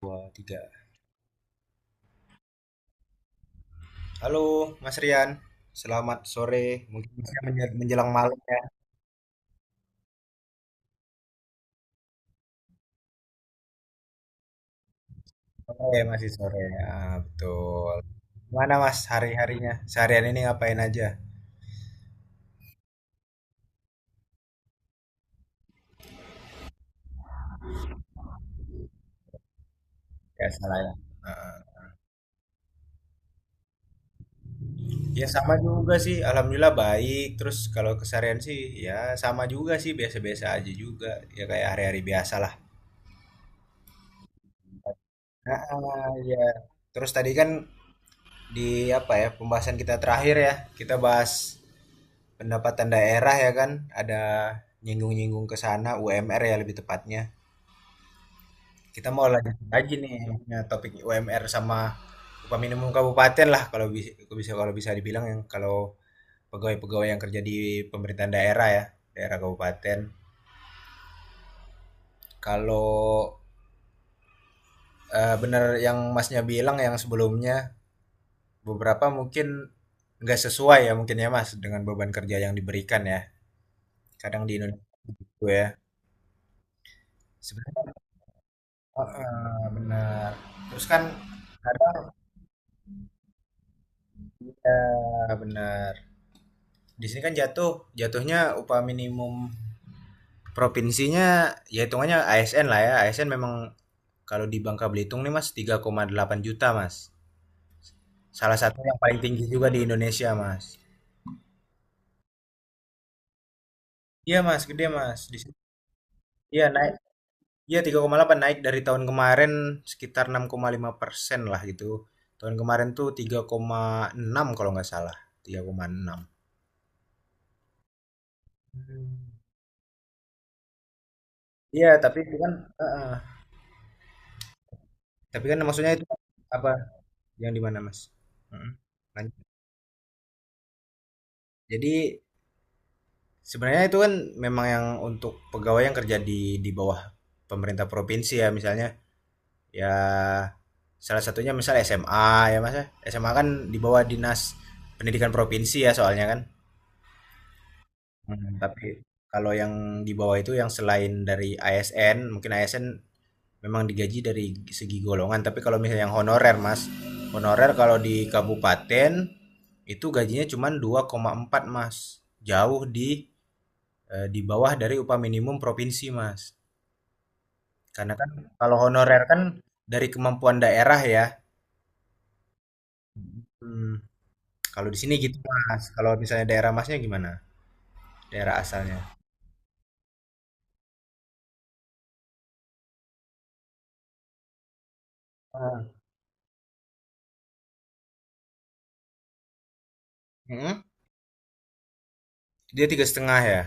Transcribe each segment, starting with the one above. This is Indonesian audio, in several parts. Dua, tiga. Halo, Mas Rian. Selamat sore. Mungkin masih menjelang malam ya. Sore, masih sore. Ah, betul. Mana Mas hari-harinya? Seharian ini ngapain aja? Ya, salah ya. Ah, ya sama juga sih, alhamdulillah baik. Terus kalau keseharian sih ya sama juga sih, biasa-biasa aja juga. Ya kayak hari-hari biasa lah. Ah, ah, ya. Terus tadi kan di apa ya pembahasan kita terakhir ya, kita bahas pendapatan daerah ya kan, ada nyinggung-nyinggung ke sana UMR ya lebih tepatnya. Kita mau lanjut lagi nih ya, topik UMR sama upah minimum kabupaten lah kalau bisa bisa kalau bisa dibilang yang kalau pegawai-pegawai yang kerja di pemerintahan daerah ya, daerah kabupaten. Kalau bener yang Masnya bilang yang sebelumnya beberapa mungkin nggak sesuai ya mungkin ya Mas dengan beban kerja yang diberikan ya. Kadang di Indonesia itu ya. Sebenarnya benar. Terus kan. Ah, benar. Di sini kan jatuhnya upah minimum provinsinya ya hitungannya ASN lah ya. ASN memang kalau di Bangka Belitung nih Mas 3,8 juta Mas. Salah satu yang paling tinggi juga di Indonesia Mas. Iya Mas, gede Mas. Di sini iya naik. Iya 3,8 naik dari tahun kemarin sekitar 6,5% lah gitu. Tahun kemarin tuh 3,6 kalau nggak salah. 3,6. Hmm. Iya, tapi itu kan eh, eh. tapi kan maksudnya itu apa, yang di mana, Mas? Mhm. Lanjut. Jadi sebenarnya itu kan memang yang untuk pegawai yang kerja di bawah pemerintah provinsi ya misalnya. Ya salah satunya misal SMA ya, Mas ya. SMA kan di bawah Dinas Pendidikan Provinsi ya soalnya kan. Mhm, tapi kalau yang di bawah itu yang selain dari ASN, mungkin ASN memang digaji dari segi golongan tapi kalau misalnya yang honorer mas, honorer kalau di kabupaten itu gajinya cuma 2,4 mas, jauh di di bawah dari upah minimum provinsi mas karena kan kalau honorer kan dari kemampuan daerah ya. Hmm, kalau di sini gitu mas kalau misalnya daerah masnya gimana, daerah asalnya. Ah. Mm-mm. Dia tiga setengah ya.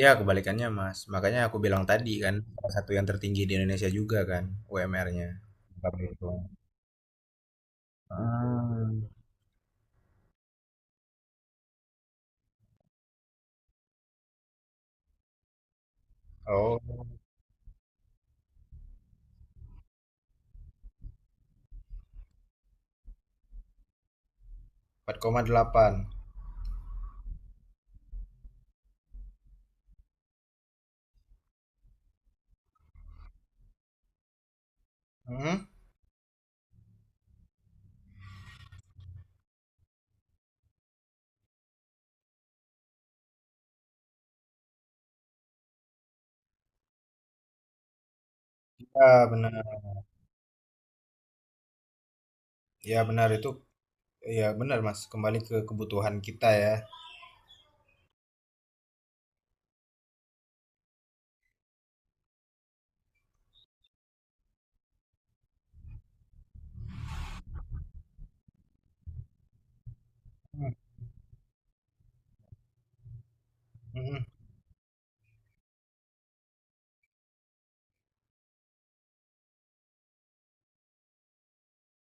Ya, kebalikannya, Mas. Makanya aku bilang tadi kan, salah satu yang tertinggi di Indonesia juga kan, UMR-nya. Berapa itu? Ah. Oh, 4,8. Mhm. Ya, benar. Ya, benar itu. Ya, benar, Mas. Kembali ke kebutuhan kita ya. Mhm. Mhm.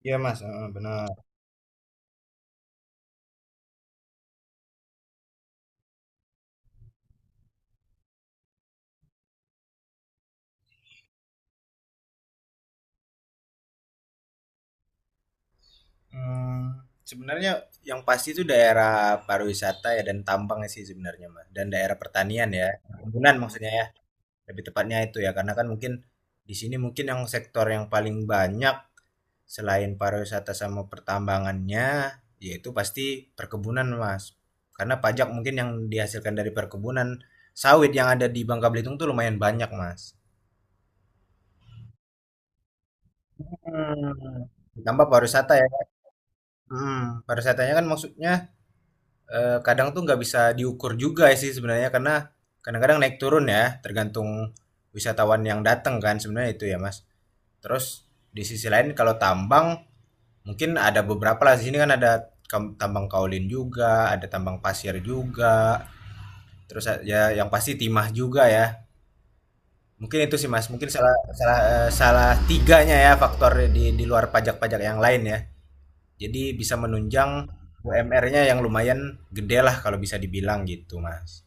Iya, Mas. Heeh, benar. Hmm, sebenarnya yang pasti itu daerah pariwisata ya dan tambang sih sebenarnya, Mas. Dan daerah pertanian ya. Perkebunan maksudnya ya. Lebih tepatnya itu ya karena kan mungkin di sini mungkin yang sektor yang paling banyak selain pariwisata sama pertambangannya yaitu pasti perkebunan Mas karena pajak mungkin yang dihasilkan dari perkebunan sawit yang ada di Bangka Belitung tuh lumayan banyak Mas. Hmm. Ditambah pariwisata ya. Pariwisatanya kan maksudnya kadang tuh nggak bisa diukur juga ya sih sebenarnya karena kadang-kadang naik turun ya tergantung wisatawan yang datang kan sebenarnya itu ya Mas. Terus di sisi lain kalau tambang mungkin ada beberapa lah di sini kan ada tambang kaolin juga, ada tambang pasir juga, terus ya yang pasti timah juga ya. Mungkin itu sih Mas, mungkin salah salah eh, salah tiganya ya faktor di luar pajak-pajak yang lain ya. Jadi bisa menunjang UMR-nya yang lumayan gede lah kalau bisa dibilang gitu Mas.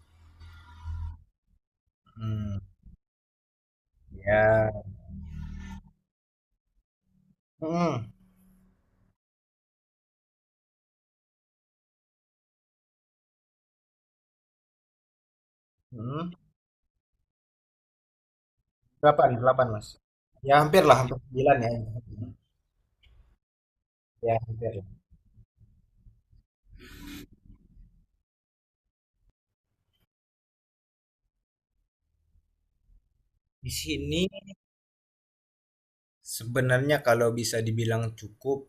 hmm Ya, mhm mhm, 8, 8, Mas. Ya hampir lah hampir 9 ya. Ya hampir lah. Di sini sebenarnya kalau bisa dibilang cukup,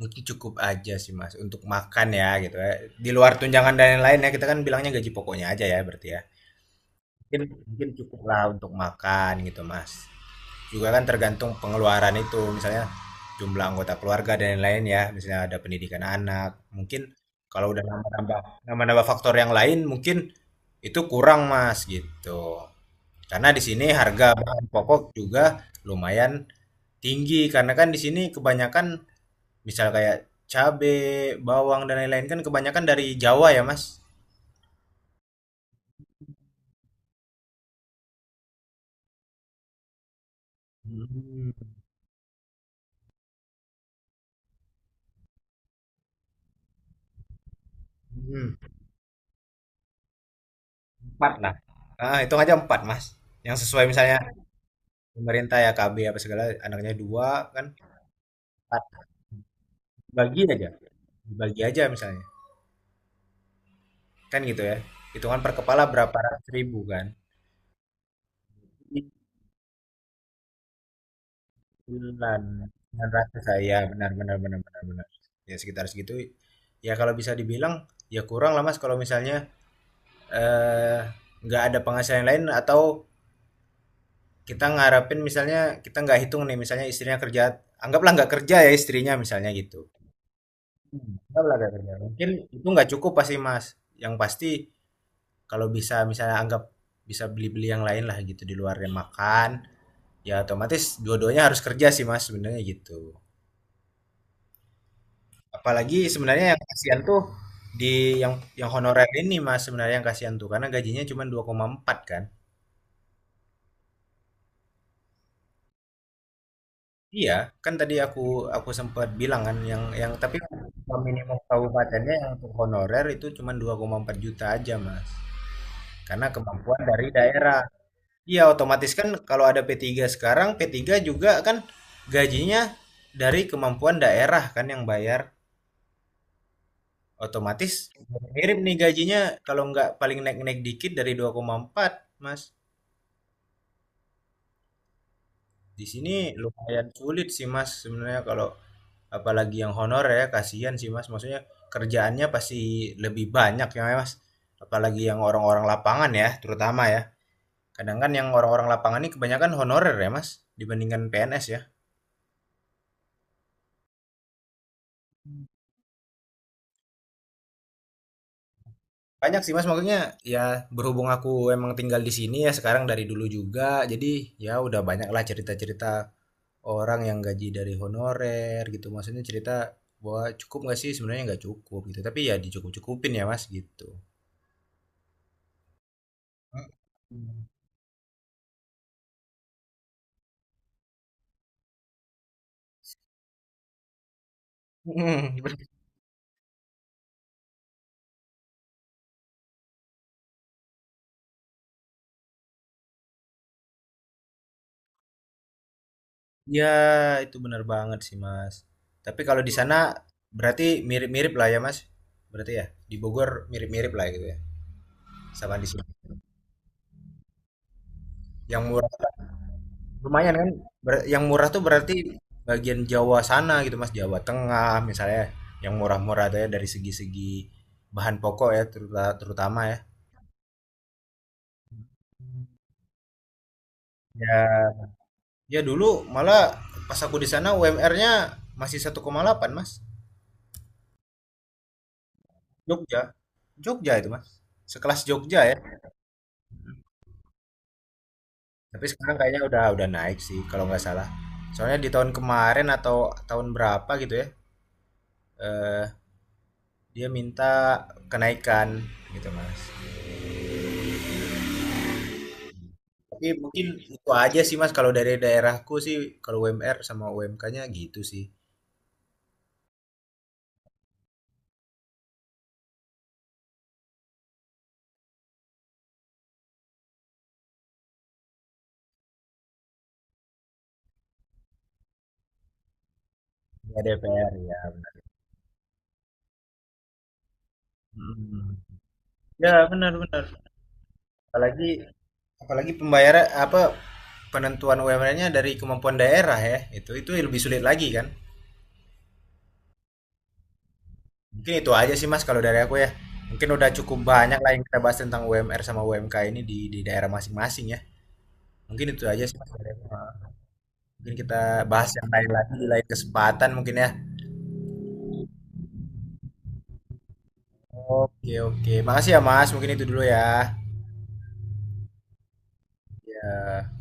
mungkin cukup aja sih, Mas, untuk makan ya gitu ya. Di luar tunjangan dan lain-lain ya, kita kan bilangnya gaji pokoknya aja ya berarti ya. Mungkin mungkin cukup lah untuk makan gitu, Mas. Juga kan tergantung pengeluaran itu misalnya jumlah anggota keluarga dan lain-lain ya, misalnya ada pendidikan anak mungkin. Kalau udah nambah-nambah nambah-nambah faktor yang lain mungkin itu kurang mas gitu, karena di sini harga bahan pokok juga lumayan tinggi karena kan di sini kebanyakan misal kayak cabe bawang dan lain-lain kan kebanyakan dari Jawa ya mas. Hmm, hmm. Empat lah, hitung aja empat mas yang sesuai misalnya pemerintah ya, KB apa segala anaknya dua kan, empat. Bagi aja Dibagi aja misalnya kan gitu ya, hitungan per kepala berapa ratus ribu kan, bulan. Dengan rasa saya benar benar benar benar benar, ya sekitar segitu ya kalau bisa dibilang. Ya kurang lah mas kalau misalnya eh nggak ada penghasilan lain, atau kita ngarapin misalnya, kita nggak hitung nih misalnya istrinya kerja, anggaplah nggak kerja ya istrinya misalnya gitu. Hmm. Enggak lah, enggak. Mungkin itu nggak cukup pasti Mas. Yang pasti kalau bisa misalnya anggap bisa beli-beli yang lain lah gitu di luar yang makan, ya otomatis dua-duanya harus kerja sih mas sebenarnya gitu. Apalagi sebenarnya yang kasihan tuh di yang honorer ini mas, sebenarnya yang kasihan tuh karena gajinya cuma dua koma empat kan. Iya, kan tadi aku sempat bilang kan yang tapi minimum kabupatennya yang untuk honorer itu cuma 2,4 juta aja mas, karena kemampuan dari daerah. Iya, otomatis kan kalau ada p tiga sekarang, p tiga juga kan gajinya dari kemampuan daerah kan yang bayar. Otomatis mirip nih gajinya, kalau nggak paling naik-naik dikit dari 2,4, Mas. Di sini lumayan sulit sih, Mas, sebenarnya kalau apalagi yang honor ya, kasihan sih, Mas. Maksudnya kerjaannya pasti lebih banyak ya, Mas. Apalagi yang orang-orang lapangan ya, terutama ya. Kadang kan yang orang-orang lapangan ini kebanyakan honorer ya, Mas, dibandingkan PNS ya. Banyak sih Mas, maksudnya ya berhubung aku emang tinggal di sini ya sekarang dari dulu juga, jadi ya udah banyak lah cerita-cerita orang yang gaji dari honorer gitu. Maksudnya cerita bahwa cukup nggak sih? Sebenarnya nggak cukup gitu, tapi ya dicukup-cukupin ya Mas gitu. Ya itu benar banget sih Mas. Tapi kalau di sana berarti mirip-mirip lah ya Mas. Berarti ya di Bogor mirip-mirip lah gitu ya sama di sini. Yang murah. Lumayan kan? Yang murah tuh berarti bagian Jawa sana gitu Mas, Jawa Tengah misalnya. Yang murah-murah tuh ya dari segi-segi bahan pokok ya terutama ya. Ya, ya dulu malah pas aku di sana UMR-nya masih 1,8 Mas. Jogja, Jogja itu Mas. Sekelas Jogja ya. Tapi sekarang kayaknya udah naik sih kalau nggak salah. Soalnya di tahun kemarin atau tahun berapa gitu ya, eh, dia minta kenaikan gitu Mas. Tapi mungkin itu aja sih Mas kalau dari daerahku sih, kalau UMR sama UMK-nya gitu sih. Ya DPR ya benar. Mm. Ya benar-benar. Apalagi apalagi pembayaran apa penentuan UMR-nya dari kemampuan daerah ya. Itu lebih sulit lagi kan. Mungkin itu aja sih Mas kalau dari aku ya. Mungkin udah cukup banyak lah yang kita bahas tentang UMR sama UMK ini di daerah masing-masing ya. Mungkin itu aja sih Mas, dari aku. Mungkin kita bahas yang lain lagi di lain kesempatan mungkin ya. Oke, oke. Makasih ya Mas. Mungkin itu dulu ya. Ya.